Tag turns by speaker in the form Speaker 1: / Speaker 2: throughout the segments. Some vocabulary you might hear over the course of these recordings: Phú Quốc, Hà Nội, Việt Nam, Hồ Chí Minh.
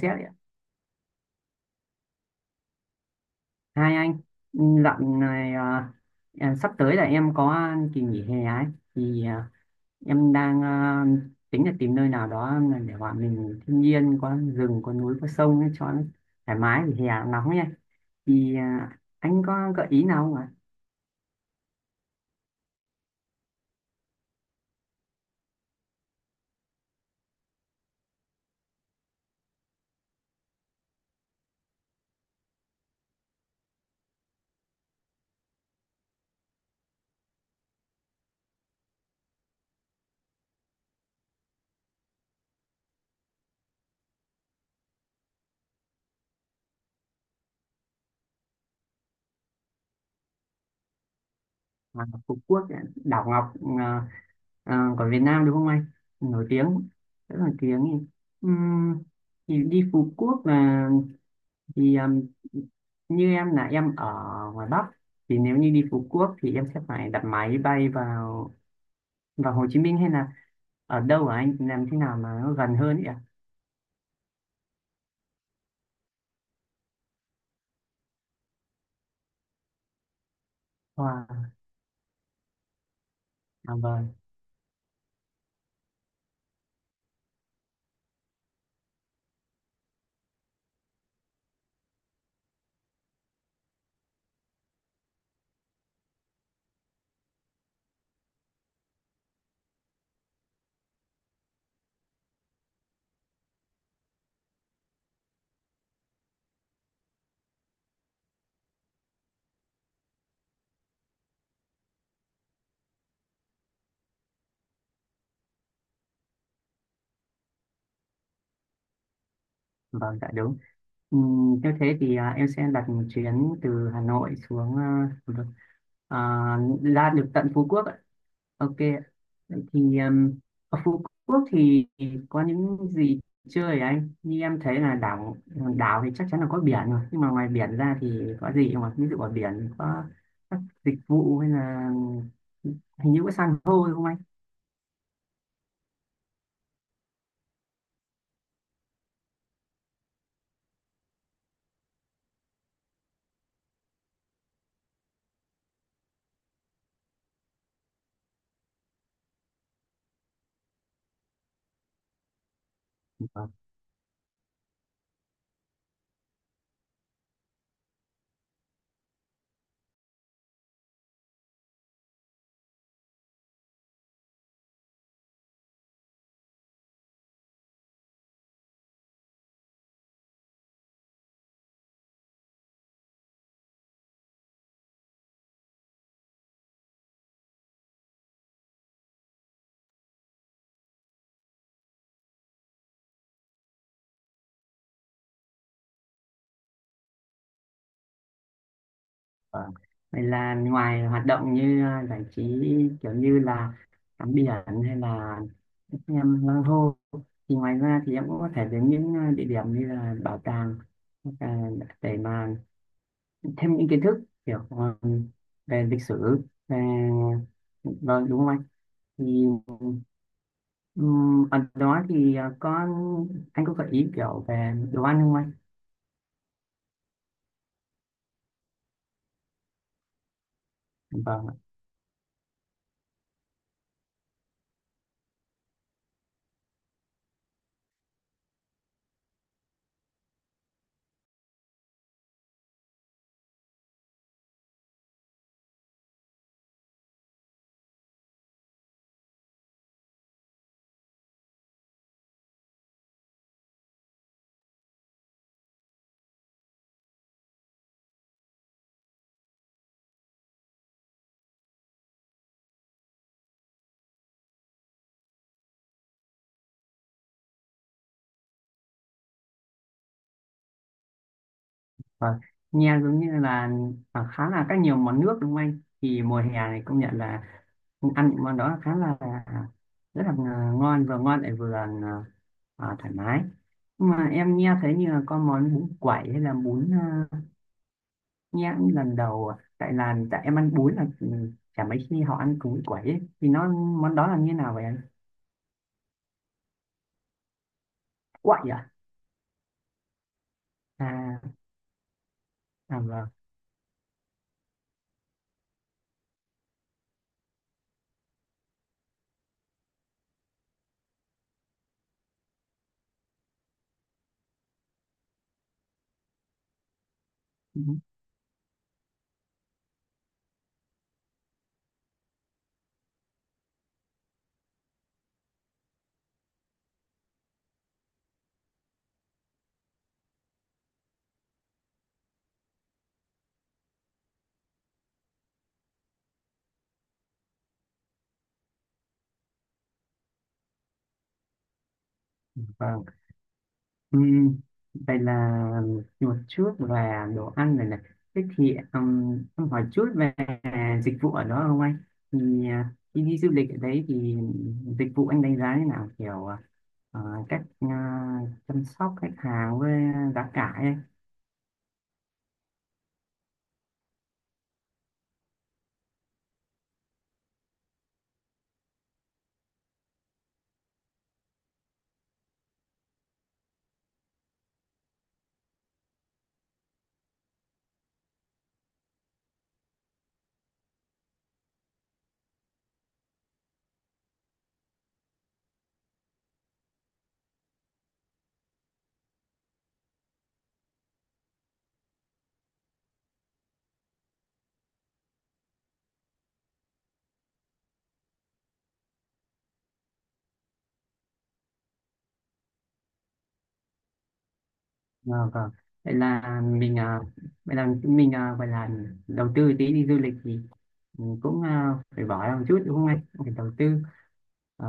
Speaker 1: Xét ạ. Hai anh ừ, này sắp tới là em có kỳ nghỉ hè ấy thì à, em đang tính là tìm nơi nào đó mà để bọn mình thiên nhiên có rừng có núi có sông ấy, cho nó thoải mái vì hè nóng nha. Anh có gợi ý nào không ạ? Phú Quốc, đảo Ngọc, à, của Việt Nam đúng không anh? Nổi tiếng, rất nổi tiếng. Ừm, thì đi Phú Quốc là, thì như em là em ở ngoài Bắc thì nếu như đi Phú Quốc thì em sẽ phải đặt máy bay vào, vào Hồ Chí Minh hay là ở đâu ở anh làm thế nào mà nó gần hơn ấy ạ? Wow. À, vâng. Vâng, dạ đúng. Nếu thế thì em sẽ đặt một chuyến từ Hà Nội xuống à, ra được tận Phú Quốc ạ. Ok ạ. Vậy thì ở Phú Quốc thì có những gì chơi hả anh? Như em thấy là đảo, đảo thì chắc chắn là có biển rồi, nhưng mà ngoài biển ra thì có gì không ạ? Ví dụ ở biển có các dịch vụ hay là hình như có san hô đúng không anh? Vâng, vâng. Vậy là ngoài hoạt động như giải trí kiểu như là tắm biển hay là các em san hô thì ngoài ra thì em cũng có thể đến những địa điểm như là bảo tàng hoặc là để mà thêm những kiến thức kiểu về lịch sử, về, vâng, đúng không anh? Thì ở đó thì có, anh có gợi ý kiểu về đồ ăn không anh? Vâng ạ. Vâng, nghe giống như là khá là các nhiều món nước đúng không anh? Thì mùa hè này công nhận là ăn những món đó khá là, rất là ngon, vừa ngon lại vừa thoải mái. Nhưng mà em nghe thấy như là có món bún quẩy hay là bún nhá, lần đầu à? Tại là tại em ăn bún là chả mấy khi họ ăn cú quẩy ấy. Thì nó món đó là như nào vậy anh? Quậy à? À, à vâng. Ừ. Vâng. Ừm, vậy là một chút về đồ ăn này này. Thế thì em hỏi chút về dịch vụ ở đó không anh? Thì khi đi du lịch ở đấy thì dịch vụ anh đánh giá như nào? Kiểu ờ, cách chăm sóc khách hàng với giá cả ấy. À, vâng. Vậy là mình à, vậy là mình gọi là đầu tư tí đi du lịch thì cũng phải bỏ ra một chút đúng không anh? Cũng phải đầu tư. Ờ.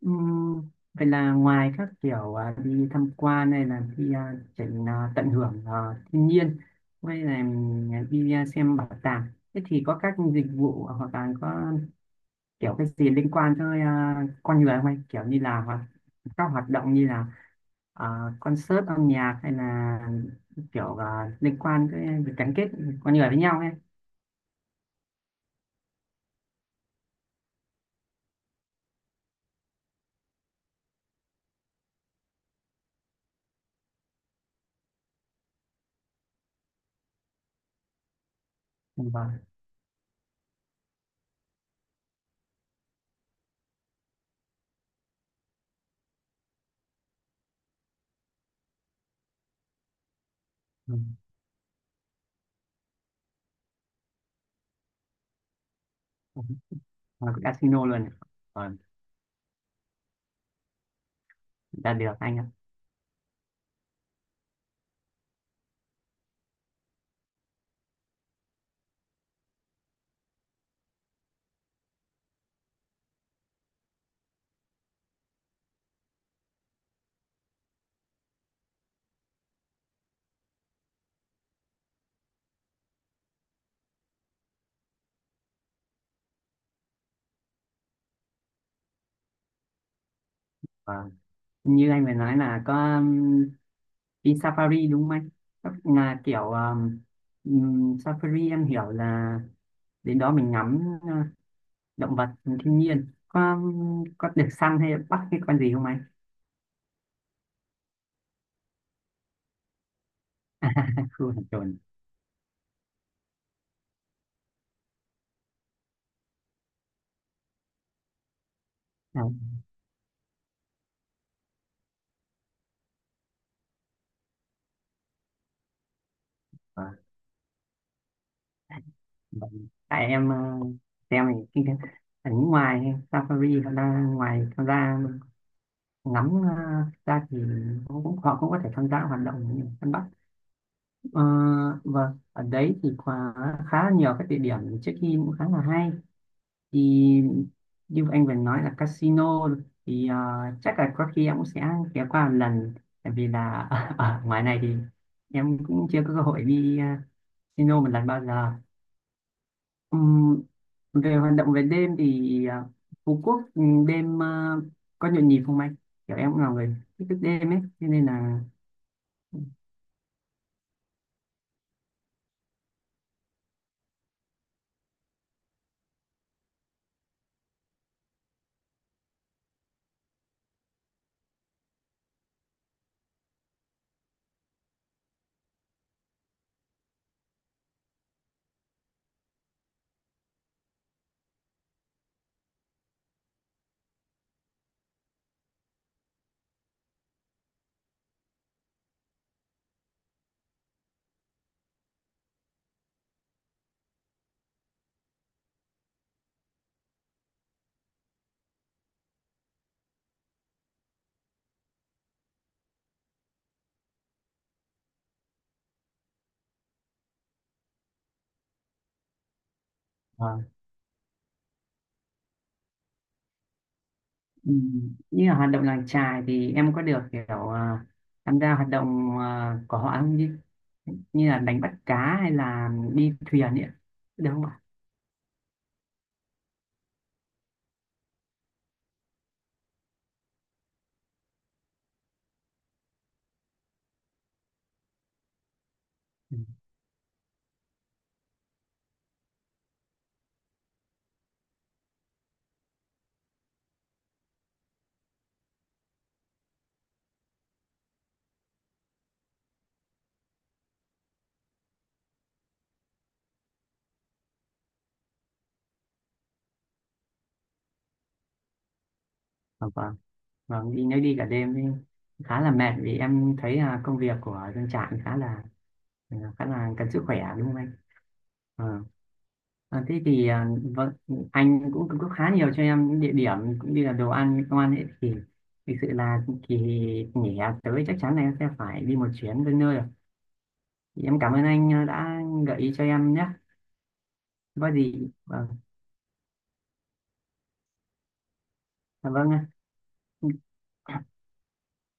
Speaker 1: Ừm, vậy là ngoài các kiểu đi tham quan hay là đi tận hưởng thiên nhiên hay là đi xem bảo tàng, thế thì có các dịch vụ hoặc là có kiểu cái gì liên quan tới con người không anh, kiểu như là các hoạt động như là à, concert âm nhạc hay là kiểu liên quan tới việc gắn kết con người với nhau ấy. Ừ, vâng. Ừ. Ừ. Và cái casino luôn ạ. Vâng, đã được anh ạ. Vâng, như anh vừa nói là có đi safari đúng không anh? Tức là kiểu safari em hiểu là đến đó mình ngắm động vật, thiên nhiên, có được săn hay bắt cái con gì không anh? Khu hàng tuần, à, à, tại em xem thì cái ở ngoài safari họ đang ngoài tham gia ngắm ra thì cũng họ cũng có thể tham gia hoạt động như săn bắt. Ờ, vâng, ở đấy thì khá là nhiều các địa điểm check-in cũng khá là hay. Thì như anh vừa nói là casino thì chắc là có khi em cũng sẽ ghé qua một lần, tại vì là ở ngoài này thì em cũng chưa có cơ hội đi casino một lần bao giờ. Ừm, về hoạt động về đêm thì Phú Quốc đêm có nhộn nhịp không anh? Kiểu em cũng là người thích thức đêm ấy, cho nên là, vâng. Ừm, như là hoạt động làng chài thì em có được kiểu tham gia hoạt động của họ không, như, như là đánh bắt cá hay là đi thuyền ấy, ạ? Được không ạ? Ừ. Vâng, vâng, vâng, đi nếu đi cả đêm thì khá là mệt, vì em thấy là công việc của dân trại khá là khá là cần sức khỏe đúng không anh? À, thế thì à, vâng, anh cũng cung cấp khá nhiều cho em những địa điểm cũng như là đồ ăn ngon ấy thì thực sự là kỳ nghỉ hè tới chắc chắn là em sẽ phải đi một chuyến đến nơi rồi. Thì em cảm ơn anh đã gợi ý cho em nhé. Có gì vâng, dạ vâng ạ.